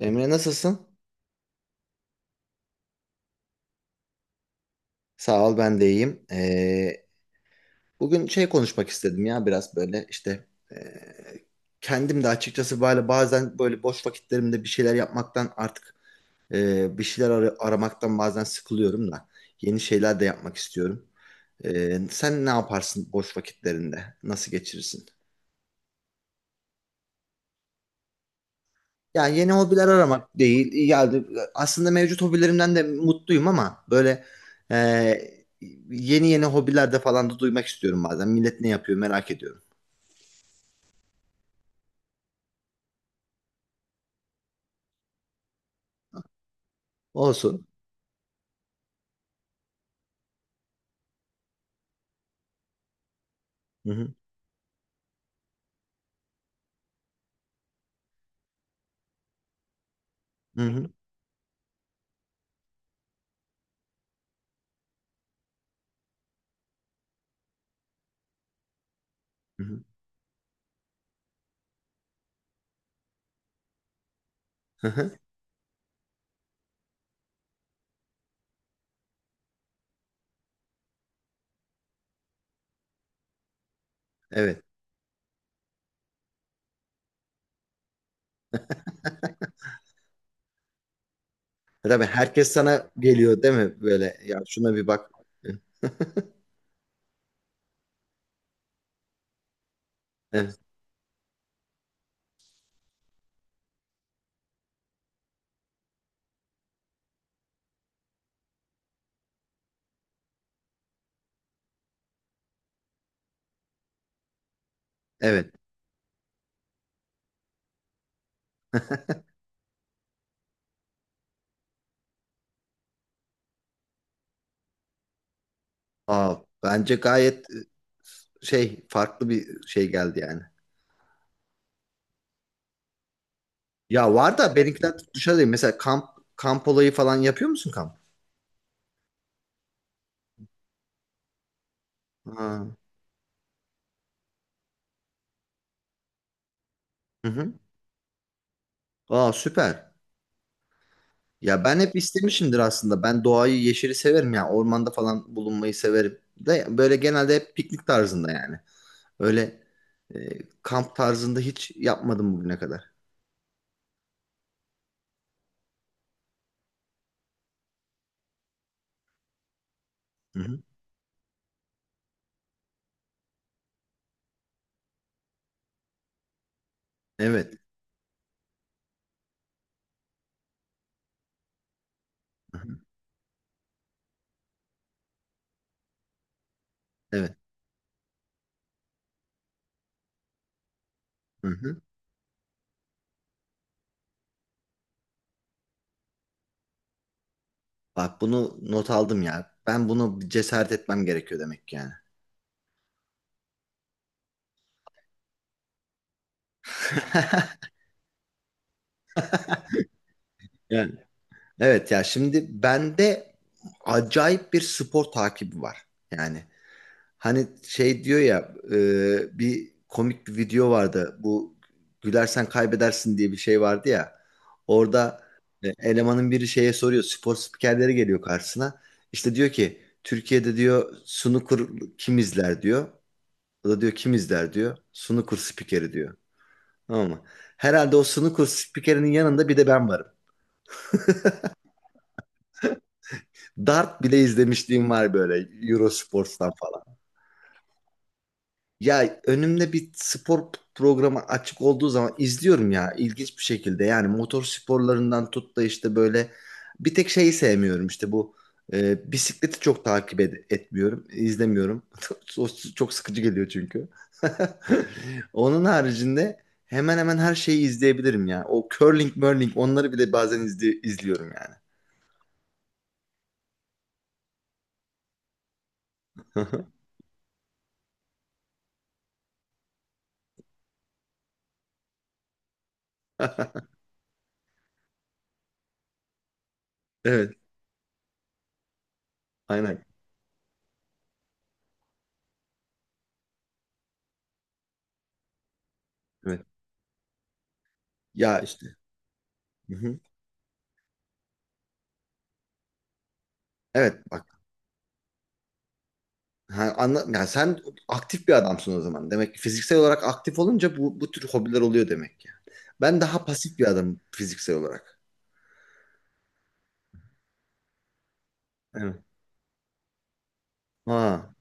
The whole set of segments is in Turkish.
Emre nasılsın? Sağ ol ben de iyiyim. Bugün şey konuşmak istedim ya biraz böyle işte ee, kendim de açıkçası böyle bazen böyle boş vakitlerimde bir şeyler yapmaktan artık bir şeyler aramaktan bazen sıkılıyorum da yeni şeyler de yapmak istiyorum. Sen ne yaparsın boş vakitlerinde? Nasıl geçirirsin? Yani yeni hobiler aramak değil. Yani aslında mevcut hobilerimden de mutluyum ama böyle e, yeni yeni hobilerde falan da duymak istiyorum bazen. Millet ne yapıyor merak ediyorum. Olsun. Hı hı. Hı hı. Hı hı. Hı hı. Evet. Tabii herkes sana geliyor değil mi? Böyle ya şuna bir bak. Evet. Evet. Aa, bence gayet şey farklı bir şey geldi yani. Ya var da benimkiler dışarıdayım. Mesela kamp kamp olayı falan yapıyor musun kamp? Ha. Hı hı. Aa süper. Ya ben hep istemişimdir aslında. Ben doğayı, yeşili severim ya. Ormanda falan bulunmayı severim. De böyle genelde hep piknik tarzında yani. Öyle kamp tarzında hiç yapmadım bugüne kadar. Hı hı. Evet. Hı hı. Evet. Hı hı. Bak bunu not aldım ya. Ben bunu bir cesaret etmem gerekiyor demek ki yani. Yani evet ya şimdi bende acayip bir spor takibi var. Yani hani şey diyor ya bir komik bir video vardı. Bu gülersen kaybedersin diye bir şey vardı ya. Orada elemanın biri şeye soruyor. Spor spikerleri geliyor karşısına. İşte diyor ki Türkiye'de diyor snooker kim izler diyor. O da diyor kim izler diyor. Snooker spikeri diyor. Tamam mı? Herhalde o snooker spikerinin yanında bir de ben varım. Dart bile izlemişliğim var böyle Eurosports'tan. Ya önümde bir spor programı açık olduğu zaman izliyorum ya ilginç bir şekilde. Yani motor sporlarından tut da işte böyle bir tek şeyi sevmiyorum işte bu bisikleti çok takip etmiyorum, izlemiyorum. O çok sıkıcı geliyor çünkü. Onun haricinde hemen hemen her şeyi izleyebilirim ya. O curling, murling onları bile bazen izliyorum yani. Evet, aynen. Evet. Ya işte. Hı hı. Evet, bak. Ha, anla, yani sen aktif bir adamsın o zaman. Demek ki fiziksel olarak aktif olunca bu tür hobiler oluyor demek ki. Ben daha pasif bir adamım fiziksel olarak. Evet. Ha.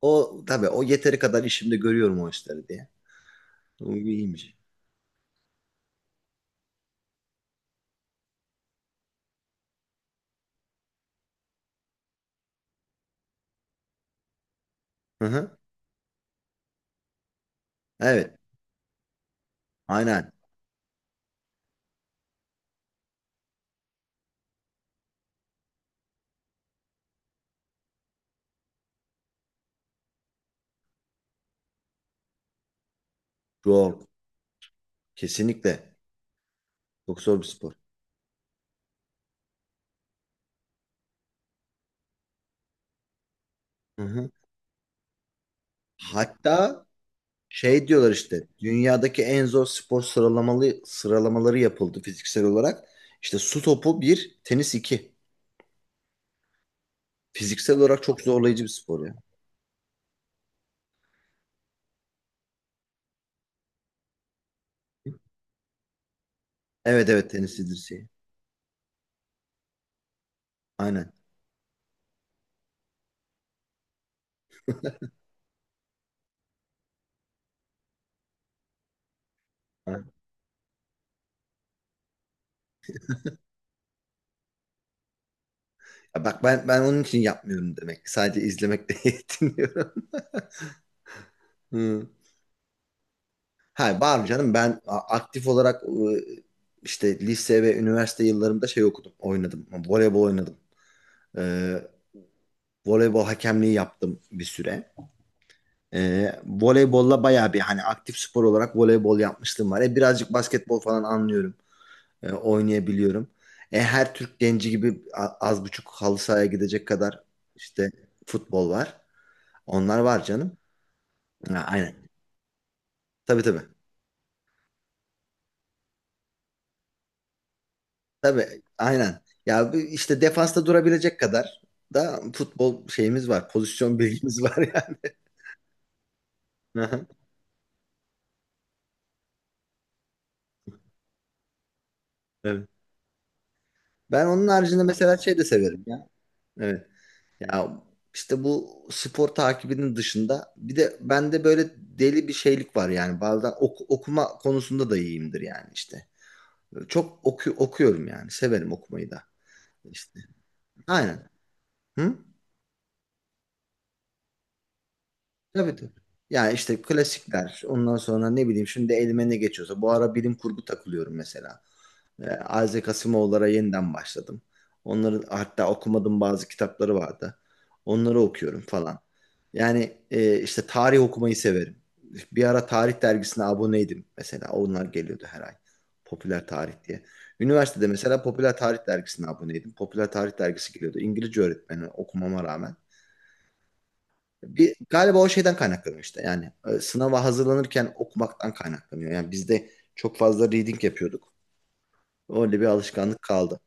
O tabii o yeteri kadar işimde görüyorum o işleri diye. O iyiymiş. Hı hı. Evet. Aynen. Çok. Kesinlikle. Çok zor bir spor. Hı hı. Hatta şey diyorlar işte dünyadaki en zor spor sıralamaları yapıldı fiziksel olarak. İşte su topu bir, tenis iki. Fiziksel olarak çok zorlayıcı bir spor ya. Evet evet tenisidir şey. Aynen. Aynen. Ya bak ben onun için yapmıyorum demek. Sadece izlemekle yetiniyorum. Hı. Ha var mı canım ben aktif olarak işte lise ve üniversite yıllarımda şey okudum, oynadım. Voleybol oynadım. Ee, voleybol hakemliği yaptım bir süre. Voleybolla bayağı bir hani aktif spor olarak voleybol yapmıştım var. Birazcık basketbol falan anlıyorum. Oynayabiliyorum. Her Türk genci gibi az buçuk halı sahaya gidecek kadar işte futbol var. Onlar var canım. Ha, aynen. Tabii tabii. Tabii aynen. Ya bu işte defansta durabilecek kadar da futbol şeyimiz var. Pozisyon bilgimiz var yani. Aha, evet. Ben onun haricinde mesela şey de severim ya. Evet. Ya işte bu spor takibinin dışında bir de bende böyle deli bir şeylik var yani. Bazen okuma konusunda da iyiyimdir yani işte. Çok okuyorum yani. Severim okumayı da. İşte. Aynen. Hı? Tabii tabii. Ya işte klasikler. Ondan sonra ne bileyim şimdi elime ne geçiyorsa. Bu ara bilim kurgu takılıyorum mesela. Isaac Asimov'lara yeniden başladım. Onları hatta okumadığım bazı kitapları vardı. Onları okuyorum falan. Yani işte tarih okumayı severim. Bir ara tarih dergisine aboneydim mesela. Onlar geliyordu her ay. Popüler tarih diye. Üniversitede mesela popüler tarih dergisine aboneydim. Popüler tarih dergisi geliyordu. İngilizce öğretmeni okumama rağmen. Bir, galiba o şeyden kaynaklanıyor işte. Yani sınava hazırlanırken okumaktan kaynaklanıyor. Yani biz de çok fazla reading yapıyorduk. Öyle bir alışkanlık kaldı.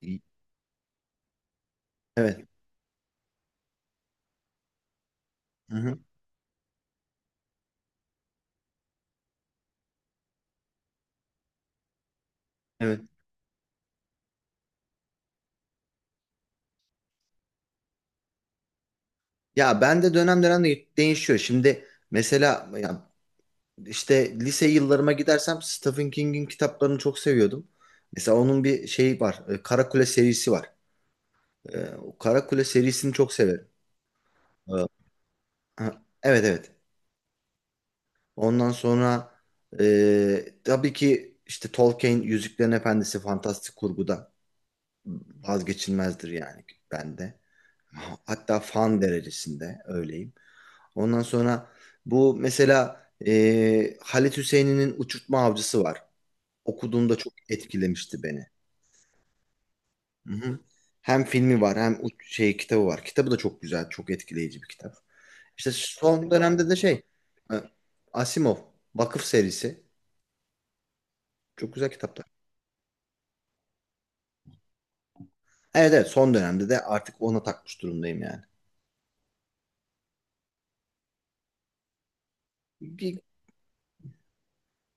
İyi. Evet. Hı-hı. Evet. Ya ben de dönem dönem de değişiyor. Şimdi mesela ya işte lise yıllarıma gidersem Stephen King'in kitaplarını çok seviyordum. Mesela onun bir şeyi var. Kara Kule serisi var. O Kara Kule serisini çok severim. E, ha, evet evet. Ondan sonra tabii ki işte Tolkien Yüzüklerin Efendisi fantastik kurguda vazgeçilmezdir yani bende. Hatta fan derecesinde öyleyim. Ondan sonra bu mesela Halit Hüseyin'in Uçurtma Avcısı var. Okuduğumda çok etkilemişti beni. Hı hı. Hem filmi var hem şey kitabı var. Kitabı da çok güzel, çok etkileyici bir kitap. İşte son dönemde de şey e, Asimov Vakıf serisi çok güzel kitaplar. Evet evet son dönemde de artık ona takmış durumdayım yani. Bir-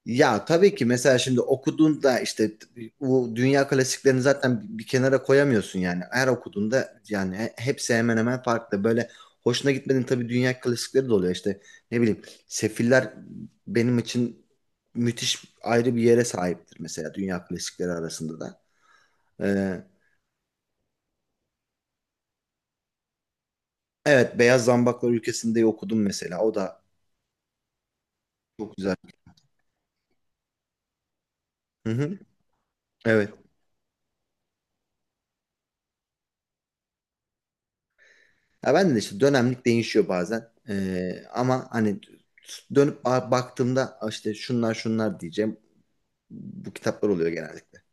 ya tabii ki mesela şimdi okuduğunda işte bu dünya klasiklerini zaten bir kenara koyamıyorsun yani. Her okuduğunda yani hepsi hemen hemen farklı. Böyle hoşuna gitmediğin tabii dünya klasikleri de oluyor işte. Ne bileyim Sefiller benim için müthiş ayrı bir yere sahiptir mesela dünya klasikleri arasında da. Ee, evet Beyaz Zambaklar Ülkesi'ndeyi okudum mesela. O da çok güzel. Hı hı. Evet. Ya ben de işte dönemlik değişiyor bazen. Ama hani dönüp baktığımda "Ah, işte şunlar şunlar diyeceğim. Bu kitaplar oluyor genellikle.